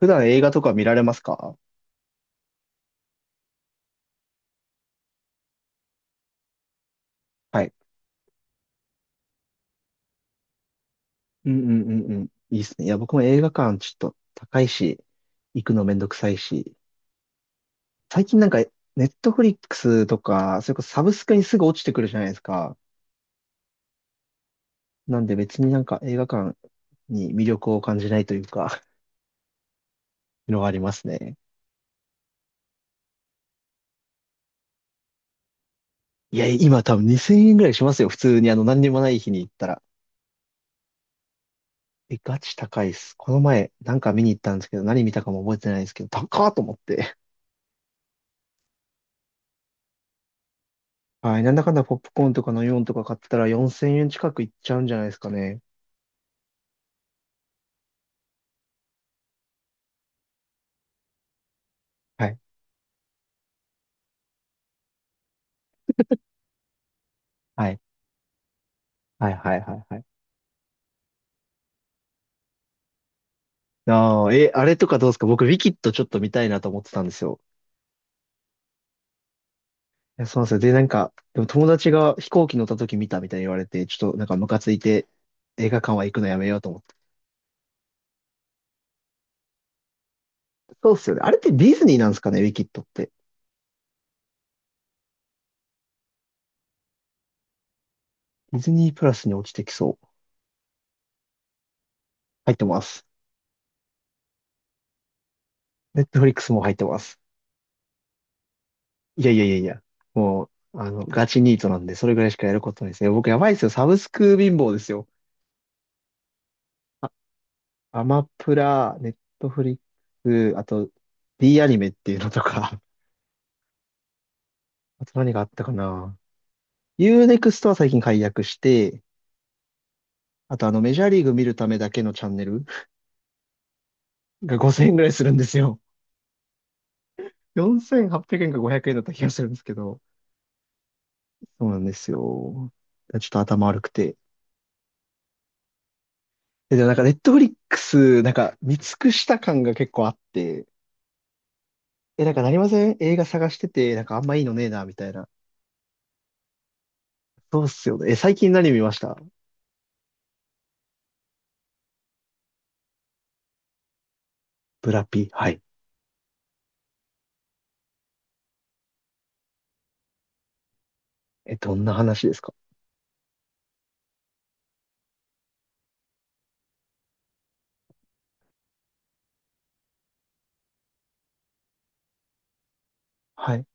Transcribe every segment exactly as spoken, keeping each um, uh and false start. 普段映画とか見られますか？はい。うんうんうんうん。いいっすね。いや、僕も映画館ちょっと高いし、行くのめんどくさいし。最近なんか、ネットフリックスとか、それこそサブスクにすぐ落ちてくるじゃないですか。なんで別になんか映画館に魅力を感じないというか、のがありますね。いや、今多分にせんえんぐらいしますよ。普通にあの何にもない日に行ったら。え、ガチ高いっす。この前なんか見に行ったんですけど、何見たかも覚えてないんですけど、高っと思って。はい。なんだかんだポップコーンとかのよんとか買ってたらよんせんえん近くいっちゃうんじゃないですかね。はい。はい。はいはいはいはい。ああ、え、あれとかどうですか？僕、ウィキッドちょっと見たいなと思ってたんですよ。いや、そうなんですよ。で、なんか、でも友達が飛行機乗った時見たみたいに言われて、ちょっとなんかムカついて映画館は行くのやめようと思って。そうっすよね。あれってディズニーなんですかね、ウィキッドって。ディズニープラスに落ちてきそう。入ってます。ネットフリックスも入ってます。いやいやいやいや。もう、あの、ガチニートなんで、それぐらいしかやることないですね。僕やばいですよ。サブスク貧乏ですよ。あ、アマプラ、ネットフリックス、あと ディーアニメっていうのとか、あと何があったかな。ユーネクストは最近解約して、あとあのメジャーリーグ見るためだけのチャンネルがごせんえんぐらいするんですよ。よんせんはっぴゃくえんかごひゃくえんだった気がするんですけど。そうなんですよ。ちょっと頭悪くて。え、でもなんかネットフリックス、なんか見尽くした感が結構あって、え、なんかなりません？映画探してて、なんかあんまいいのねえな、みたいな。そうっすよね。え、最近何見ました？ブラピ。はい。え、どんな話ですか？はい、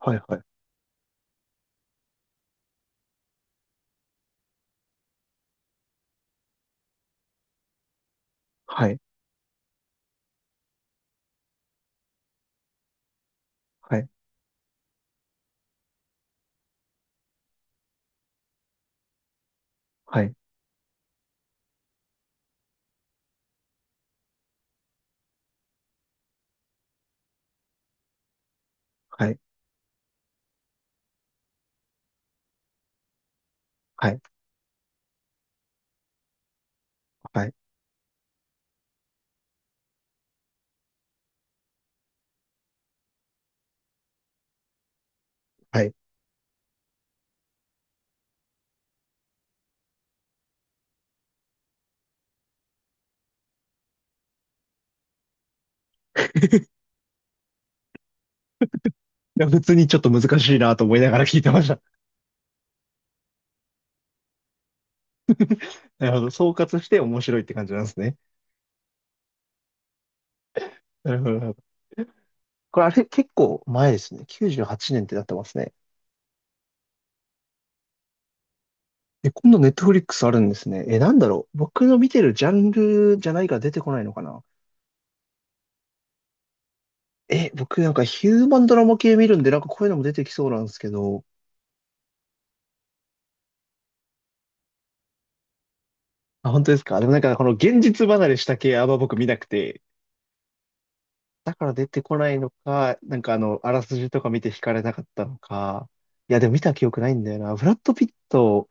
はい、はい、はい、はい、はい、はい、はい、はい、はい。いや、普通にちょっと難しいなと思いながら聞いてました。なるほど。総括して面白いって感じなんですね。なるほど、なるほど。これ、あれ、結構前ですね。きゅうじゅうはちねんってなってますね。え、今度ネットフリックスあるんですね。え、なんだろう。僕の見てるジャンルじゃないから出てこないのかな。え、僕なんかヒューマンドラマ系見るんで、なんかこういうのも出てきそうなんですけど。あ、本当ですか。でもなんかこの現実離れした系あんま僕見なくて、だから出てこないのか、なんかあの、あらすじとか見て惹かれなかったのか。いや、でも見た記憶ないんだよな。ブラッド・ピット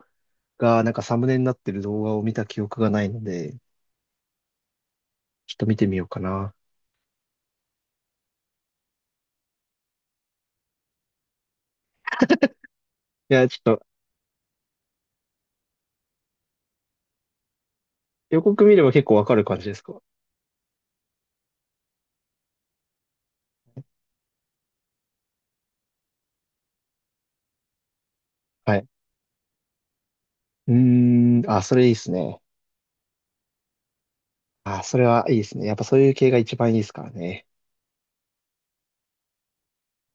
がなんかサムネになってる動画を見た記憶がないので、ちょっと見てみようかな。いや、ちょっと予告見れば結構わかる感じですか？はい。うーん、あ、それいいですね。あ、それはいいですね。やっぱそういう系が一番いいですからね。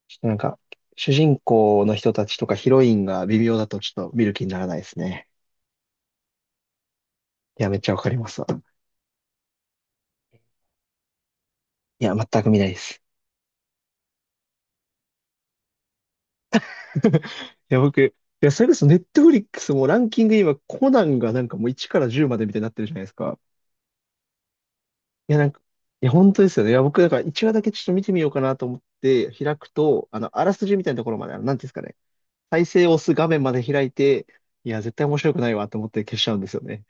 ちょっとなんか、主人公の人たちとかヒロインが微妙だとちょっと見る気にならないですね。いや、めっちゃわかりますわ。いや、全く見ないです。いや、僕、いや、それこそネットフリックスもランキング今、コナンがなんかもういちからじゅうまでみたいになってるじゃないですか。いや、なんか、いや、本当ですよね。いや、僕、だからいちわだけちょっと見てみようかなと思って開くと、あの、あらすじみたいなところまで、あの、なんていうんですかね。再生を押す画面まで開いて、いや、絶対面白くないわと思って消しちゃうんですよね。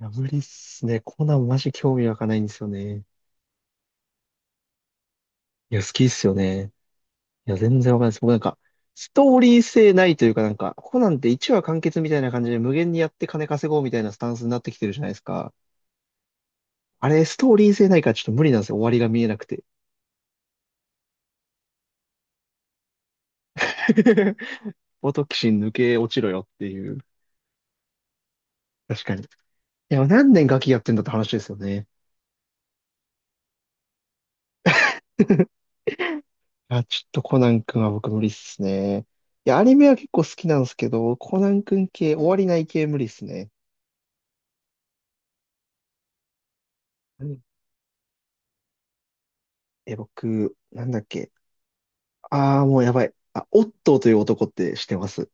いや、無理っすね。コナンマジ興味湧かないんですよね。いや、好きっすよね。いや、全然わかんないです。僕なんか、ストーリー性ないというかなんか、コナンっていちわ完結みたいな感じで無限にやって金稼ごうみたいなスタンスになってきてるじゃないですか。あれ、ストーリー性ないからちょっと無理なんですよ。終わりが見えなくて。オトキシン抜け落ちろよっていう。確かに。いや、何年ガキやってんだって話ですよね。あ、ちょっとコナン君は僕無理っすね。いや、アニメは結構好きなんですけど、コナン君系、終わりない系無理っすね。うん。え、僕、なんだっけ。ああ、もうやばい。あ、オットーという男って知ってます？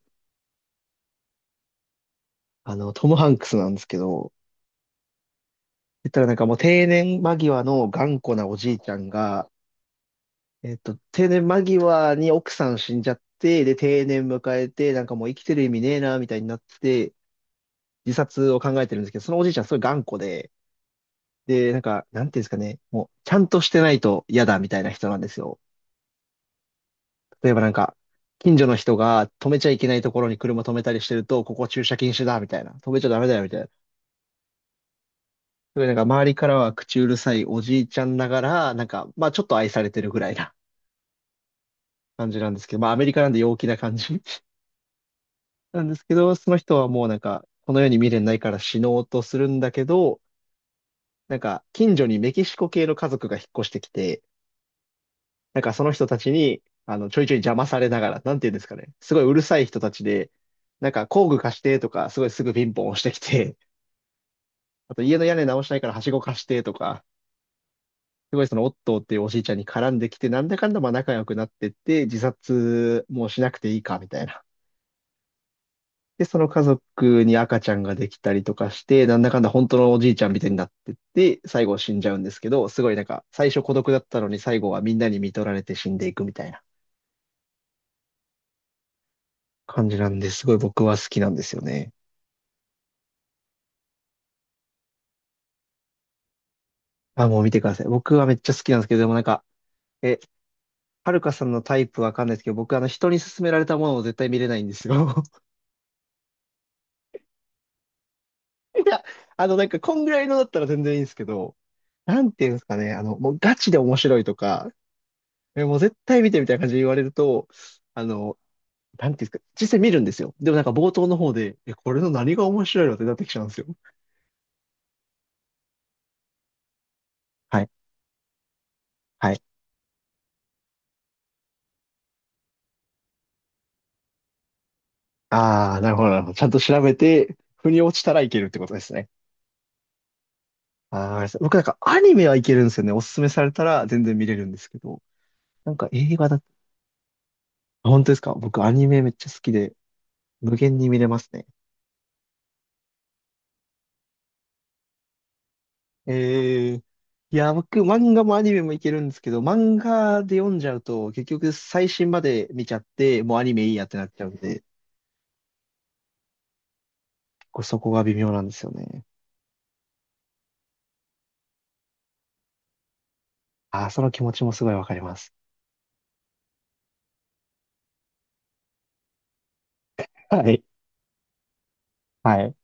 あの、トム・ハンクスなんですけど、言ったらなんかもう定年間際の頑固なおじいちゃんが、えっと、定年間際に奥さん死んじゃって、で、定年迎えて、なんかもう生きてる意味ねえな、みたいになって、自殺を考えてるんですけど、そのおじいちゃんすごい頑固で、で、なんか、なんていうんですかね、もう、ちゃんとしてないと嫌だ、みたいな人なんですよ。例えばなんか、近所の人が止めちゃいけないところに車止めたりしてると、ここ駐車禁止だ、みたいな。止めちゃダメだよ、みたいな。すごいなんか周りからは口うるさいおじいちゃんながら、なんか、まあちょっと愛されてるぐらいな 感じなんですけど、まあアメリカなんで陽気な感じ なんですけど、その人はもうなんか、この世に未練ないから死のうとするんだけど、なんか近所にメキシコ系の家族が引っ越してきて、なんかその人たちに、あの、ちょいちょい邪魔されながら、なんていうんですかね、すごいうるさい人たちで、なんか工具貸してとか、すごいすぐピンポン押してきて、あと家の屋根直したいからはしご貸してとか、すごいそのオットーっていうおじいちゃんに絡んできて、なんだかんだまあ仲良くなってって、自殺もうしなくていいか、みたいな。で、その家族に赤ちゃんができたりとかして、なんだかんだ本当のおじいちゃんみたいになってって、最後死んじゃうんですけど、すごいなんか、最初孤独だったのに最後はみんなに見取られて死んでいくみたいな感じなんで、すごい僕は好きなんですよね。あ、もう見てください。僕はめっちゃ好きなんですけど、でもなんか、え、はるかさんのタイプわかんないですけど、僕あの人に勧められたものを絶対見れないんですよ。いや、あのなんかこんぐらいのだったら全然いいんですけど、なんていうんですかね、あの、もうガチで面白いとか、えもう絶対見てみたいな感じで言われると、あの、なんていうんですか、実際見るんですよ。でもなんか冒頭の方で、え、これの何が面白いのってなってきちゃうんですよ。はい。はい。ああ、なるほど、なるほど。ちゃんと調べて、腑に落ちたらいけるってことですね。ああ、わかりました。僕なんかアニメはいけるんですよね。おすすめされたら全然見れるんですけど。なんか映画だ、本当ですか？僕アニメめっちゃ好きで、無限に見れますね。ええ。いや、僕、漫画もアニメもいけるんですけど、漫画で読んじゃうと、結局最新まで見ちゃって、もうアニメいいやってなっちゃうんで、これそこが微妙なんですよね。ああその気持ちもすごいわかります。はい。はい。